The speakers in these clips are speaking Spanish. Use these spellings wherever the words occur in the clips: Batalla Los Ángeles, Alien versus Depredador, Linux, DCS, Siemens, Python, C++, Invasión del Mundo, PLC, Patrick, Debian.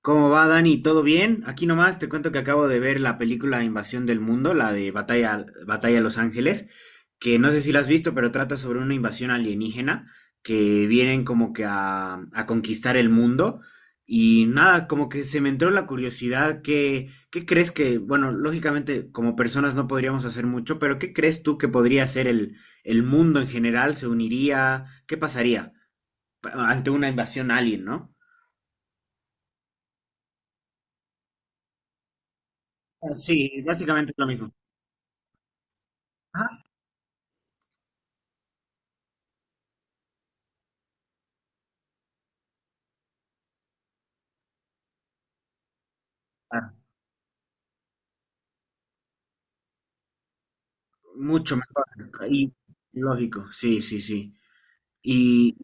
¿Cómo va, Dani? ¿Todo bien? Aquí nomás te cuento que acabo de ver la película Invasión del Mundo, la de Batalla Los Ángeles, que no sé si la has visto, pero trata sobre una invasión alienígena que vienen como que a conquistar el mundo. Y nada, como que se me entró la curiosidad. ¿Qué crees que, bueno, lógicamente como personas no podríamos hacer mucho, pero ¿qué crees tú que podría hacer el mundo en general? ¿Se uniría? ¿Qué pasaría ante una invasión alien, ¿no? Sí, básicamente es lo mismo. Ah, mucho mejor. Y lógico, sí, sí, sí. Y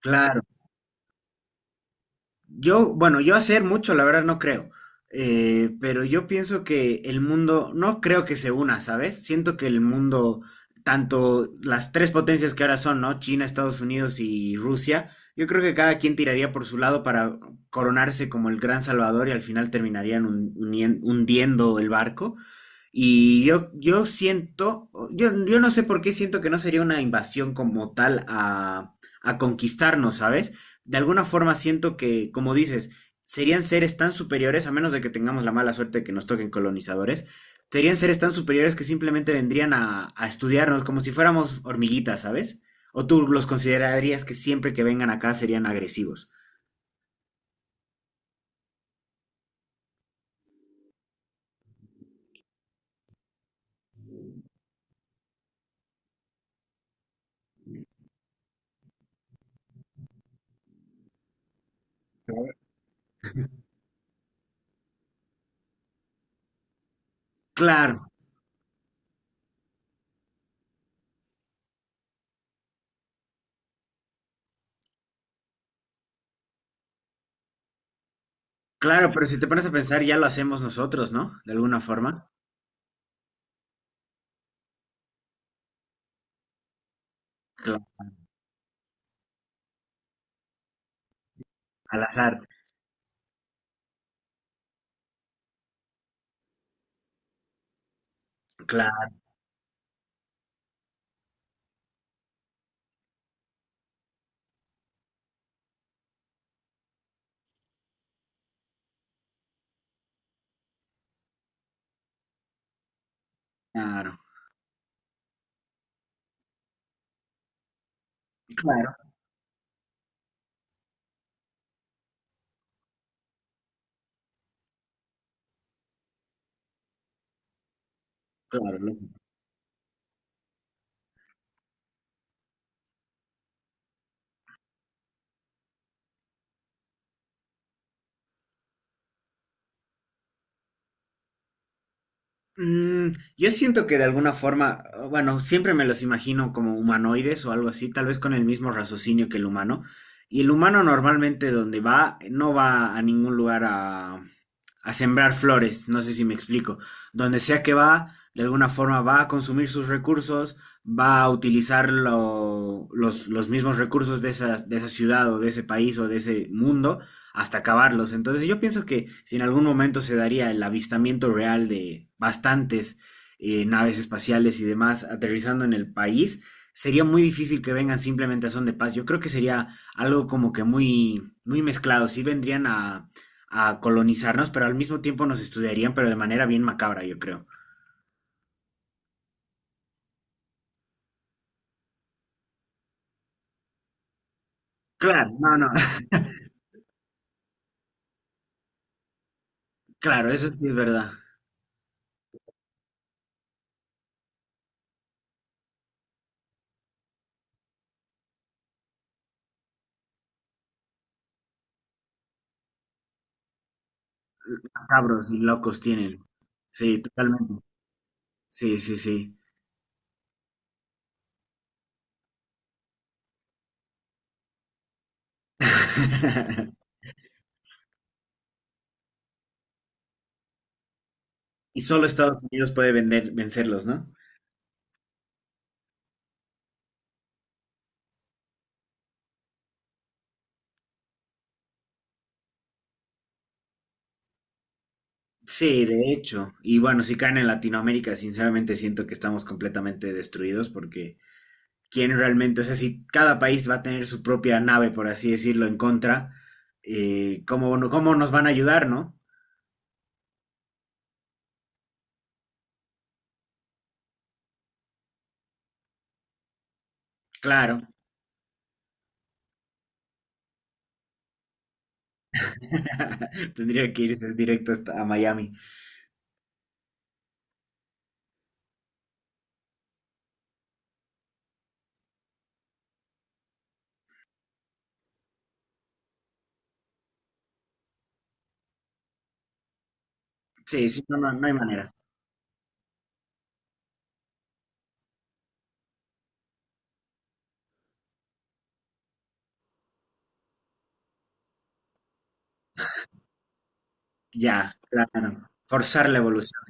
claro. Yo, bueno, yo hacer mucho, la verdad no creo. Pero yo pienso que el mundo, no creo que se una, ¿sabes? Siento que el mundo, tanto las tres potencias que ahora son, ¿no? China, Estados Unidos y Rusia, yo creo que cada quien tiraría por su lado para coronarse como el gran salvador y al final terminarían hundiendo el barco. Y yo siento, yo no sé por qué siento que no sería una invasión como tal a, conquistarnos, ¿sabes? De alguna forma siento que, como dices, serían seres tan superiores, a menos de que tengamos la mala suerte de que nos toquen colonizadores. Serían seres tan superiores que simplemente vendrían a estudiarnos como si fuéramos hormiguitas, ¿sabes? ¿O tú los considerarías que siempre que vengan acá serían agresivos? Claro, claro, pero si te pones a pensar, ya lo hacemos nosotros, ¿no? De alguna forma. Claro, al azar. Claro, claro, claro. Yo siento que de alguna forma, bueno, siempre me los imagino como humanoides o algo así, tal vez con el mismo raciocinio que el humano. Y el humano normalmente donde va, no va a ningún lugar a sembrar flores, no sé si me explico. Donde sea que va, de alguna forma va a consumir sus recursos, va a utilizar los mismos recursos de esa ciudad o de ese país o de ese mundo hasta acabarlos. Entonces yo pienso que si en algún momento se daría el avistamiento real de bastantes naves espaciales y demás aterrizando en el país, sería muy difícil que vengan simplemente a son de paz. Yo creo que sería algo como que muy, muy mezclado. Sí vendrían a colonizarnos, pero al mismo tiempo nos estudiarían, pero de manera bien macabra, yo creo. Claro, no, no, claro, eso sí es verdad. Macabros y locos tienen. Sí, totalmente. Sí, sí, sí. Y solo Estados Unidos puede vencerlos, ¿no? Sí, de hecho. Y bueno, si caen en Latinoamérica, sinceramente siento que estamos completamente destruidos porque ¿quién realmente? O sea, si cada país va a tener su propia nave, por así decirlo, en contra, ¿cómo, no- cómo nos van a ayudar, no? Claro. Tendría que irse directo hasta a Miami. Sí, sí, no, no, no hay manera. Ya, claro. Forzar la evolución.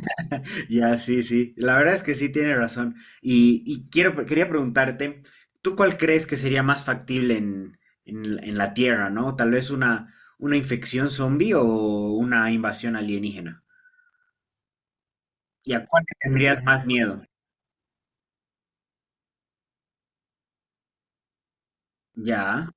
Ya, sí, sí. La verdad es que sí tiene razón. Y quería preguntarte, ¿tú cuál crees que sería más factible en la Tierra, ¿no? Tal vez una infección zombie o una invasión alienígena. ¿Y a cuál le tendrías más miedo? Ya.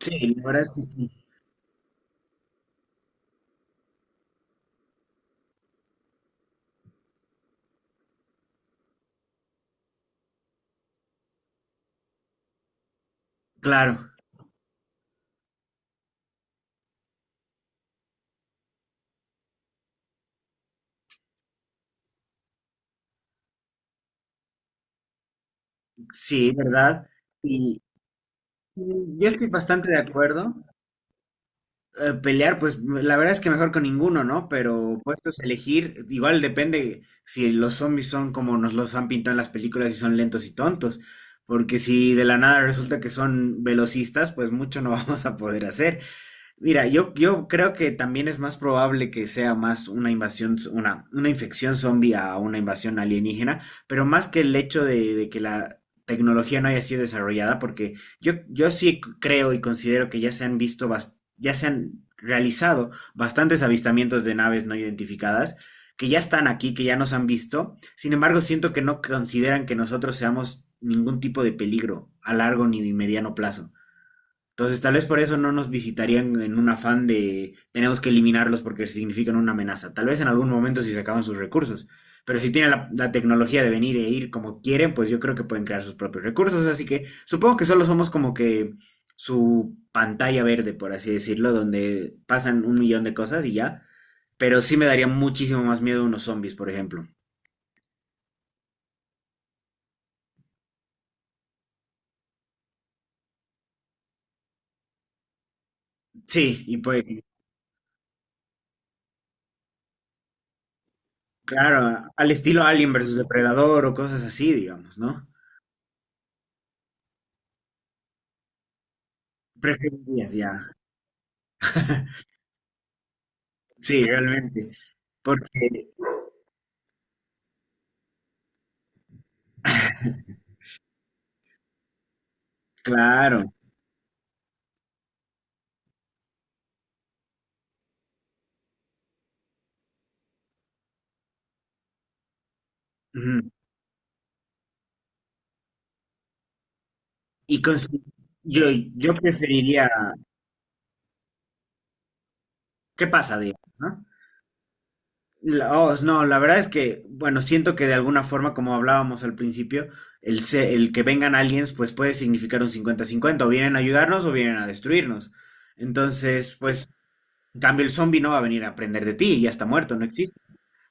Sí, la verdad es que sí. Claro, sí, ¿verdad? Y y yo estoy bastante de acuerdo. Pelear, pues la verdad es que mejor con ninguno, ¿no? Pero puestos a elegir, igual depende si los zombies son como nos los han pintado en las películas y son lentos y tontos. Porque si de la nada resulta que son velocistas, pues mucho no vamos a poder hacer. Mira, yo creo que también es más probable que sea más una invasión, una infección zombie a una invasión alienígena, pero más que el hecho de que la tecnología no haya sido desarrollada, porque yo sí creo y considero que ya se han visto, ya se han realizado bastantes avistamientos de naves no identificadas, que ya están aquí, que ya nos han visto. Sin embargo, siento que no consideran que nosotros seamos ningún tipo de peligro a largo ni mediano plazo. Entonces, tal vez por eso no nos visitarían en un afán de tenemos que eliminarlos porque significan una amenaza. Tal vez en algún momento si se acaban sus recursos. Pero si tienen la tecnología de venir e ir como quieren, pues yo creo que pueden crear sus propios recursos. Así que supongo que solo somos como que su pantalla verde, por así decirlo, donde pasan un millón de cosas y ya. Pero sí me daría muchísimo más miedo unos zombies, por ejemplo. Sí, y pues, claro, al estilo Alien versus Depredador o cosas así, digamos, ¿no? Preferirías ya. Sí, realmente. Porque, claro. Ujú. Y consi- yo, yo preferiría. ¿Qué pasa, digamos, no? Oh, no, la verdad es que, bueno, siento que de alguna forma, como hablábamos al principio, el que vengan aliens, pues puede significar un 50-50. O vienen a ayudarnos o vienen a destruirnos. Entonces, pues, en cambio, el zombie no va a venir a aprender de ti, ya está muerto, no existe.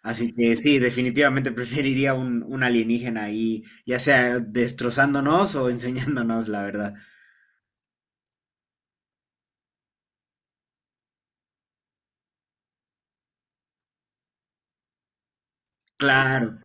Así que sí, definitivamente preferiría un alienígena ahí, ya sea destrozándonos o enseñándonos, la verdad. Claro,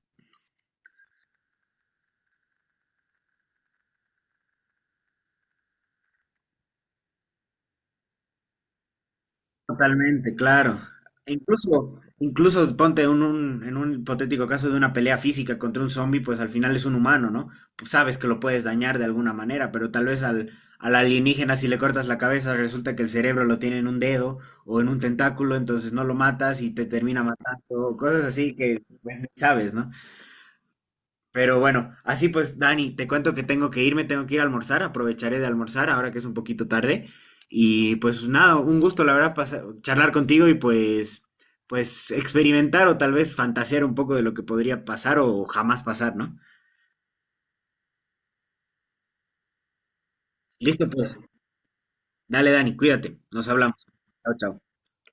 totalmente, claro. E incluso, incluso ponte en un hipotético caso de una pelea física contra un zombie, pues al final es un humano, ¿no? Pues sabes que lo puedes dañar de alguna manera, pero tal vez al alienígena si le cortas la cabeza resulta que el cerebro lo tiene en un dedo o en un tentáculo, entonces no lo matas y te termina matando, o cosas así que pues, ni sabes, ¿no? Pero bueno, así pues, Dani, te cuento que tengo que irme, tengo que ir a almorzar, aprovecharé de almorzar ahora que es un poquito tarde. Y pues nada, un gusto la verdad charlar contigo y pues, pues experimentar o tal vez fantasear un poco de lo que podría pasar o jamás pasar, ¿no? Listo, pues, dale, Dani, cuídate, nos hablamos. Chao, chao.